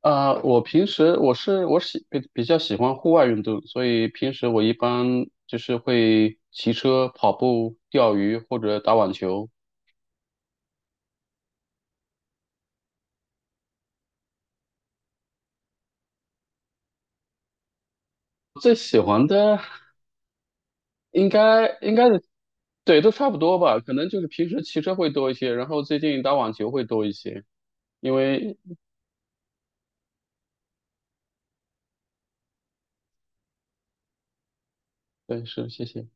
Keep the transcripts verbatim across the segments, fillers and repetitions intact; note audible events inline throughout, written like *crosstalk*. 呃，我平时我是我喜比比较喜欢户外运动，所以平时我一般就是会骑车、跑步、钓鱼或者打网球。最喜欢的应该应该是。对，都差不多吧，可能就是平时骑车会多一些，然后最近打网球会多一些，因为。对，是，谢谢。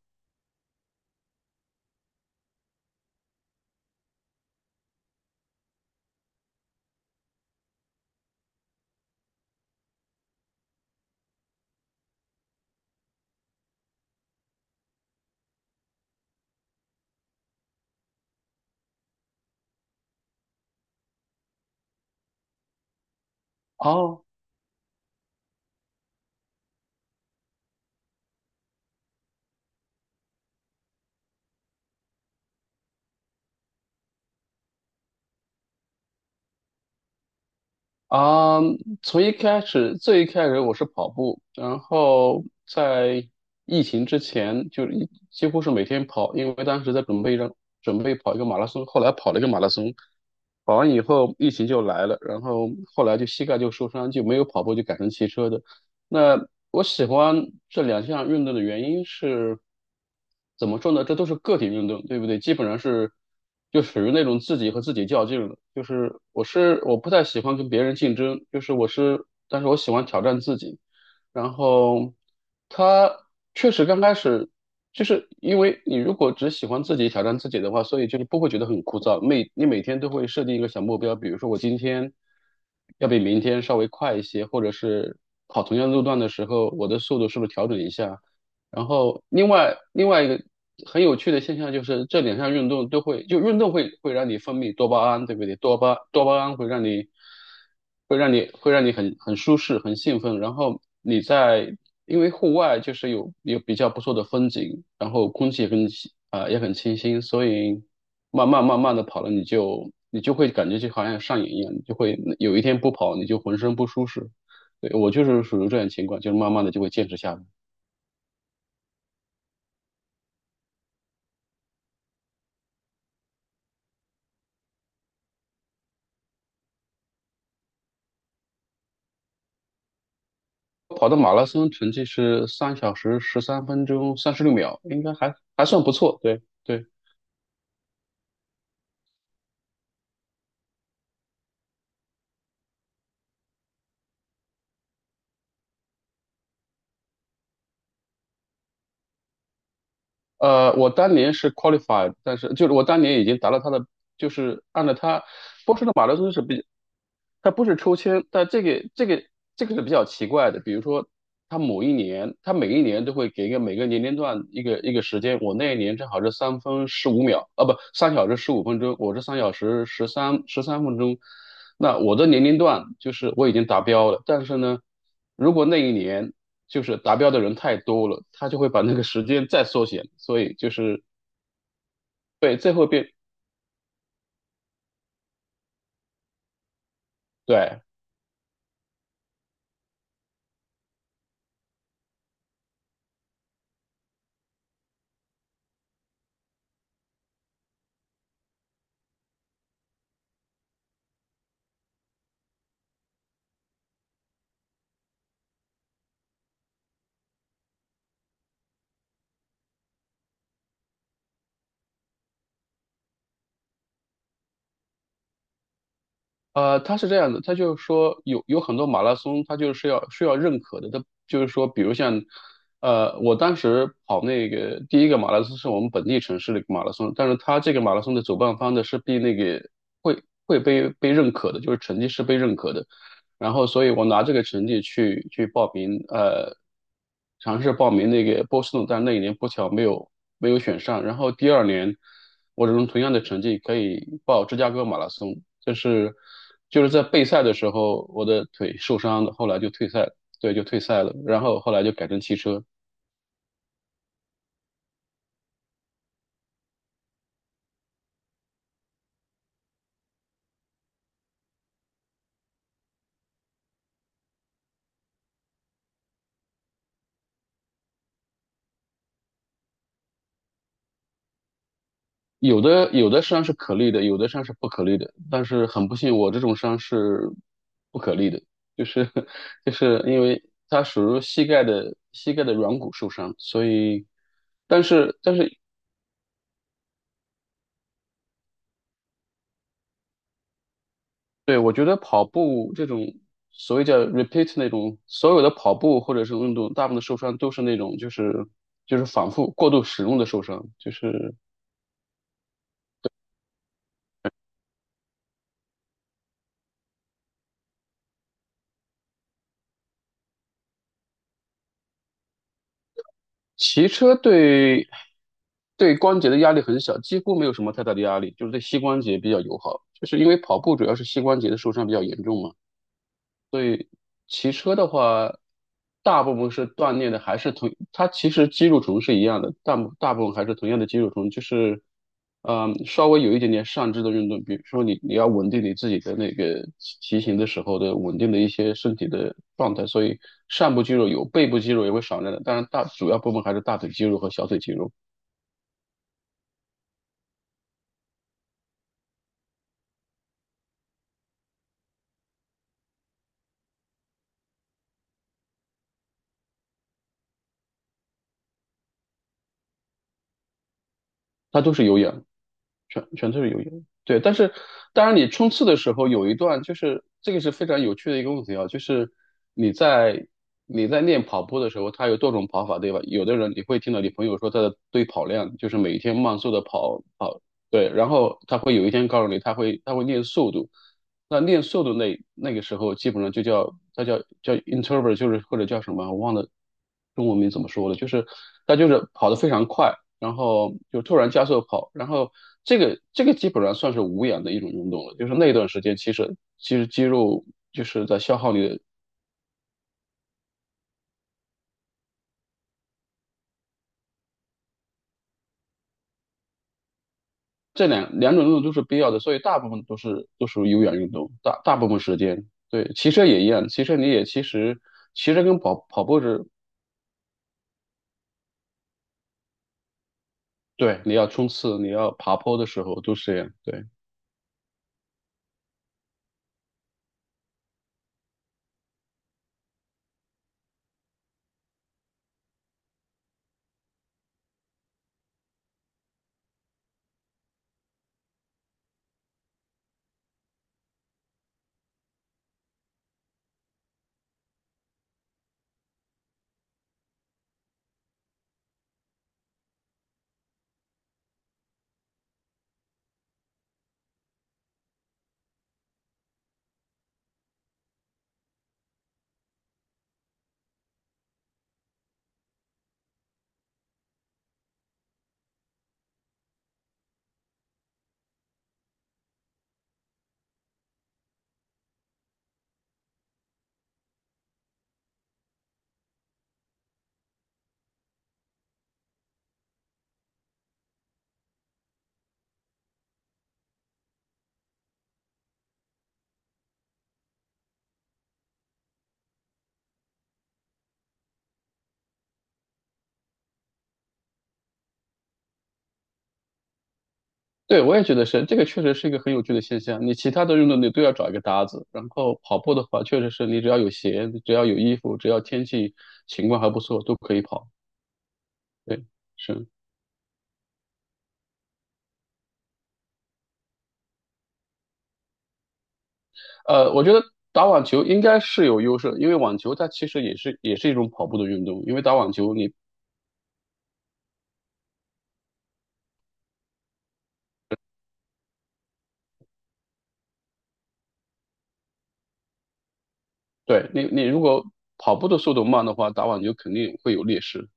哦。啊，从一开始，最一开始我是跑步，然后在疫情之前，就一几乎是每天跑，因为当时在准备让准备跑一个马拉松，后来跑了一个马拉松，跑完以后疫情就来了，然后后来就膝盖就受伤，就没有跑步，就改成骑车的。那我喜欢这两项运动的原因是，怎么说呢？这都是个体运动，对不对？基本上是就属于那种自己和自己较劲了。就是我是我不太喜欢跟别人竞争，就是我是，但是我喜欢挑战自己。然后他确实刚开始就是因为你如果只喜欢自己挑战自己的话，所以就是不会觉得很枯燥。每你每天都会设定一个小目标，比如说我今天要比明天稍微快一些，或者是跑同样路段的时候，我的速度是不是调整一下？然后另外另外一个很有趣的现象就是，这两项运动都会，就运动会会让你分泌多巴胺，对不对？多巴多巴胺会让你会让你会让你很很舒适、很兴奋。然后你在因为户外就是有有比较不错的风景，然后空气也很清啊、呃也很清新，所以慢慢慢慢的跑了，你就你就会感觉就好像上瘾一样，你就会有一天不跑你就浑身不舒适。对，我就是属于这种情况，就是慢慢的就会坚持下来。跑的马拉松成绩是三小时十三分钟三十六秒，应该还还算不错。对对，呃，我当年是 qualified，但是就是我当年已经达到他的，就是按照他播出的马拉松是比，他不是抽签，但这个这个这个是比较奇怪的。比如说，他某一年，他每一年都会给一个每个年龄段一个一个时间。我那一年正好是三分十五秒，啊不，三小时十五分钟，我是三小时十三十三分钟。那我的年龄段就是我已经达标了，但是呢，如果那一年就是达标的人太多了，他就会把那个时间再缩减，所以就是。对，最后变。对，呃，他是这样的，他就是说有有很多马拉松，他就是要需要认可的，他就是说，比如像，呃，我当时跑那个第一个马拉松是我们本地城市的一个马拉松，但是他这个马拉松的主办方的是被那个会会被被认可的，就是成绩是被认可的。然后所以我拿这个成绩去去报名，呃，尝试报名那个波士顿，但那一年不巧没有没有选上。然后第二年，我用同样的成绩可以报芝加哥马拉松，就是就是在备赛的时候我的腿受伤了，后来就退赛了。对，就退赛了。然后后来就改成汽车。有的有的伤是可逆的，有的伤是不可逆的。但是很不幸，我这种伤是不可逆的，就是 *laughs* 就是因为它属于膝盖的膝盖的软骨受伤，所以但是但是。对，我觉得跑步这种所谓叫 repeat 那种所有的跑步或者是运动，大部分的受伤都是那种就是就是反复过度使用的受伤，就是。骑车对对关节的压力很小，几乎没有什么太大的压力，就是对膝关节比较友好。就是因为跑步主要是膝关节的受伤比较严重嘛，所以骑车的话，大部分是锻炼的，还是同，它其实肌肉群是一样的，大部大部分还是同样的肌肉群，就是，嗯，稍微有一点点上肢的运动，比如说你你要稳定你自己的那个骑骑行的时候的稳定的一些身体的状态，所以上部肌肉有，背部肌肉也会少量的，当然大主要部分还是大腿肌肉和小腿肌肉。它都是有氧，全全都是有氧。对，但是当然你冲刺的时候有一段，就是这个是非常有趣的一个问题啊，就是你在你在练跑步的时候，它有多种跑法，对吧？有的人你会听到你朋友说他的堆跑量，就是每天慢速的跑跑，对，然后他会有一天告诉你他会他会练速度。那练瘦的那那个时候，基本上就叫它叫叫 introvert，就是或者叫什么，我忘了中文名怎么说了，就是它就是跑得非常快，然后就突然加速跑，然后这个这个基本上算是无氧的一种运动了，就是那段时间其实其实肌肉就是在消耗你的，这两两种运动都是必要的，所以大部分都是都属于有氧运动，大大部分时间。对，骑车也一样，骑车你也其实骑车跟跑跑步是，对，你要冲刺，你要爬坡的时候都是这样，对。对，我也觉得是，这个确实是一个很有趣的现象。你其他的运动你都要找一个搭子，然后跑步的话，确实是你只要有鞋，只要有衣服，只要天气情况还不错，都可以跑。对，是，呃，我觉得打网球应该是有优势，因为网球它其实也是也是一种跑步的运动，因为打网球你。对。你你如果跑步的速度慢的话，打网球肯定会有劣势。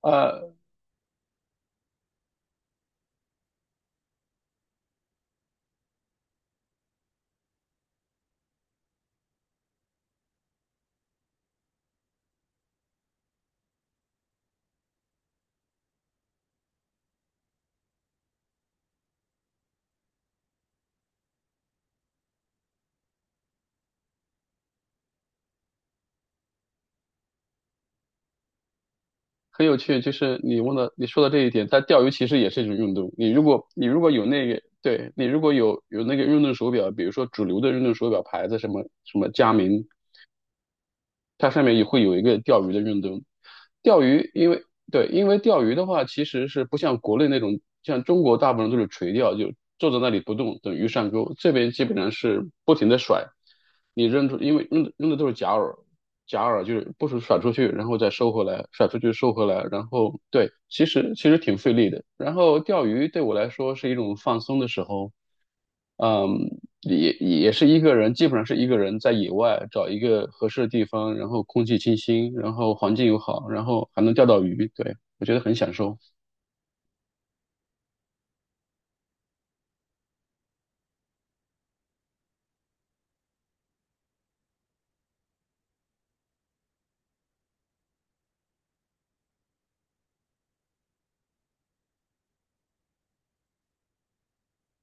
呃，很有趣，就是你问的，你说的这一点，但钓鱼其实也是一种运动。你如果你如果有那个，对，你如果有有那个运动手表，比如说主流的运动手表牌子，什么什么佳明，它上面也会有一个钓鱼的运动。钓鱼，因为。对，因为钓鱼的话，其实是不像国内那种，像中国大部分都是垂钓，就坐在那里不动，等鱼上钩。这边基本上是不停的甩，你扔出，因为扔的扔的都是假饵，假饵就是不是甩出去，然后再收回来，甩出去收回来，然后对，其实其实挺费力的。然后钓鱼对我来说是一种放松的时候。嗯，也也是一个人，基本上是一个人在野外找一个合适的地方，然后空气清新，然后环境又好，然后还能钓到鱼，对，我觉得很享受。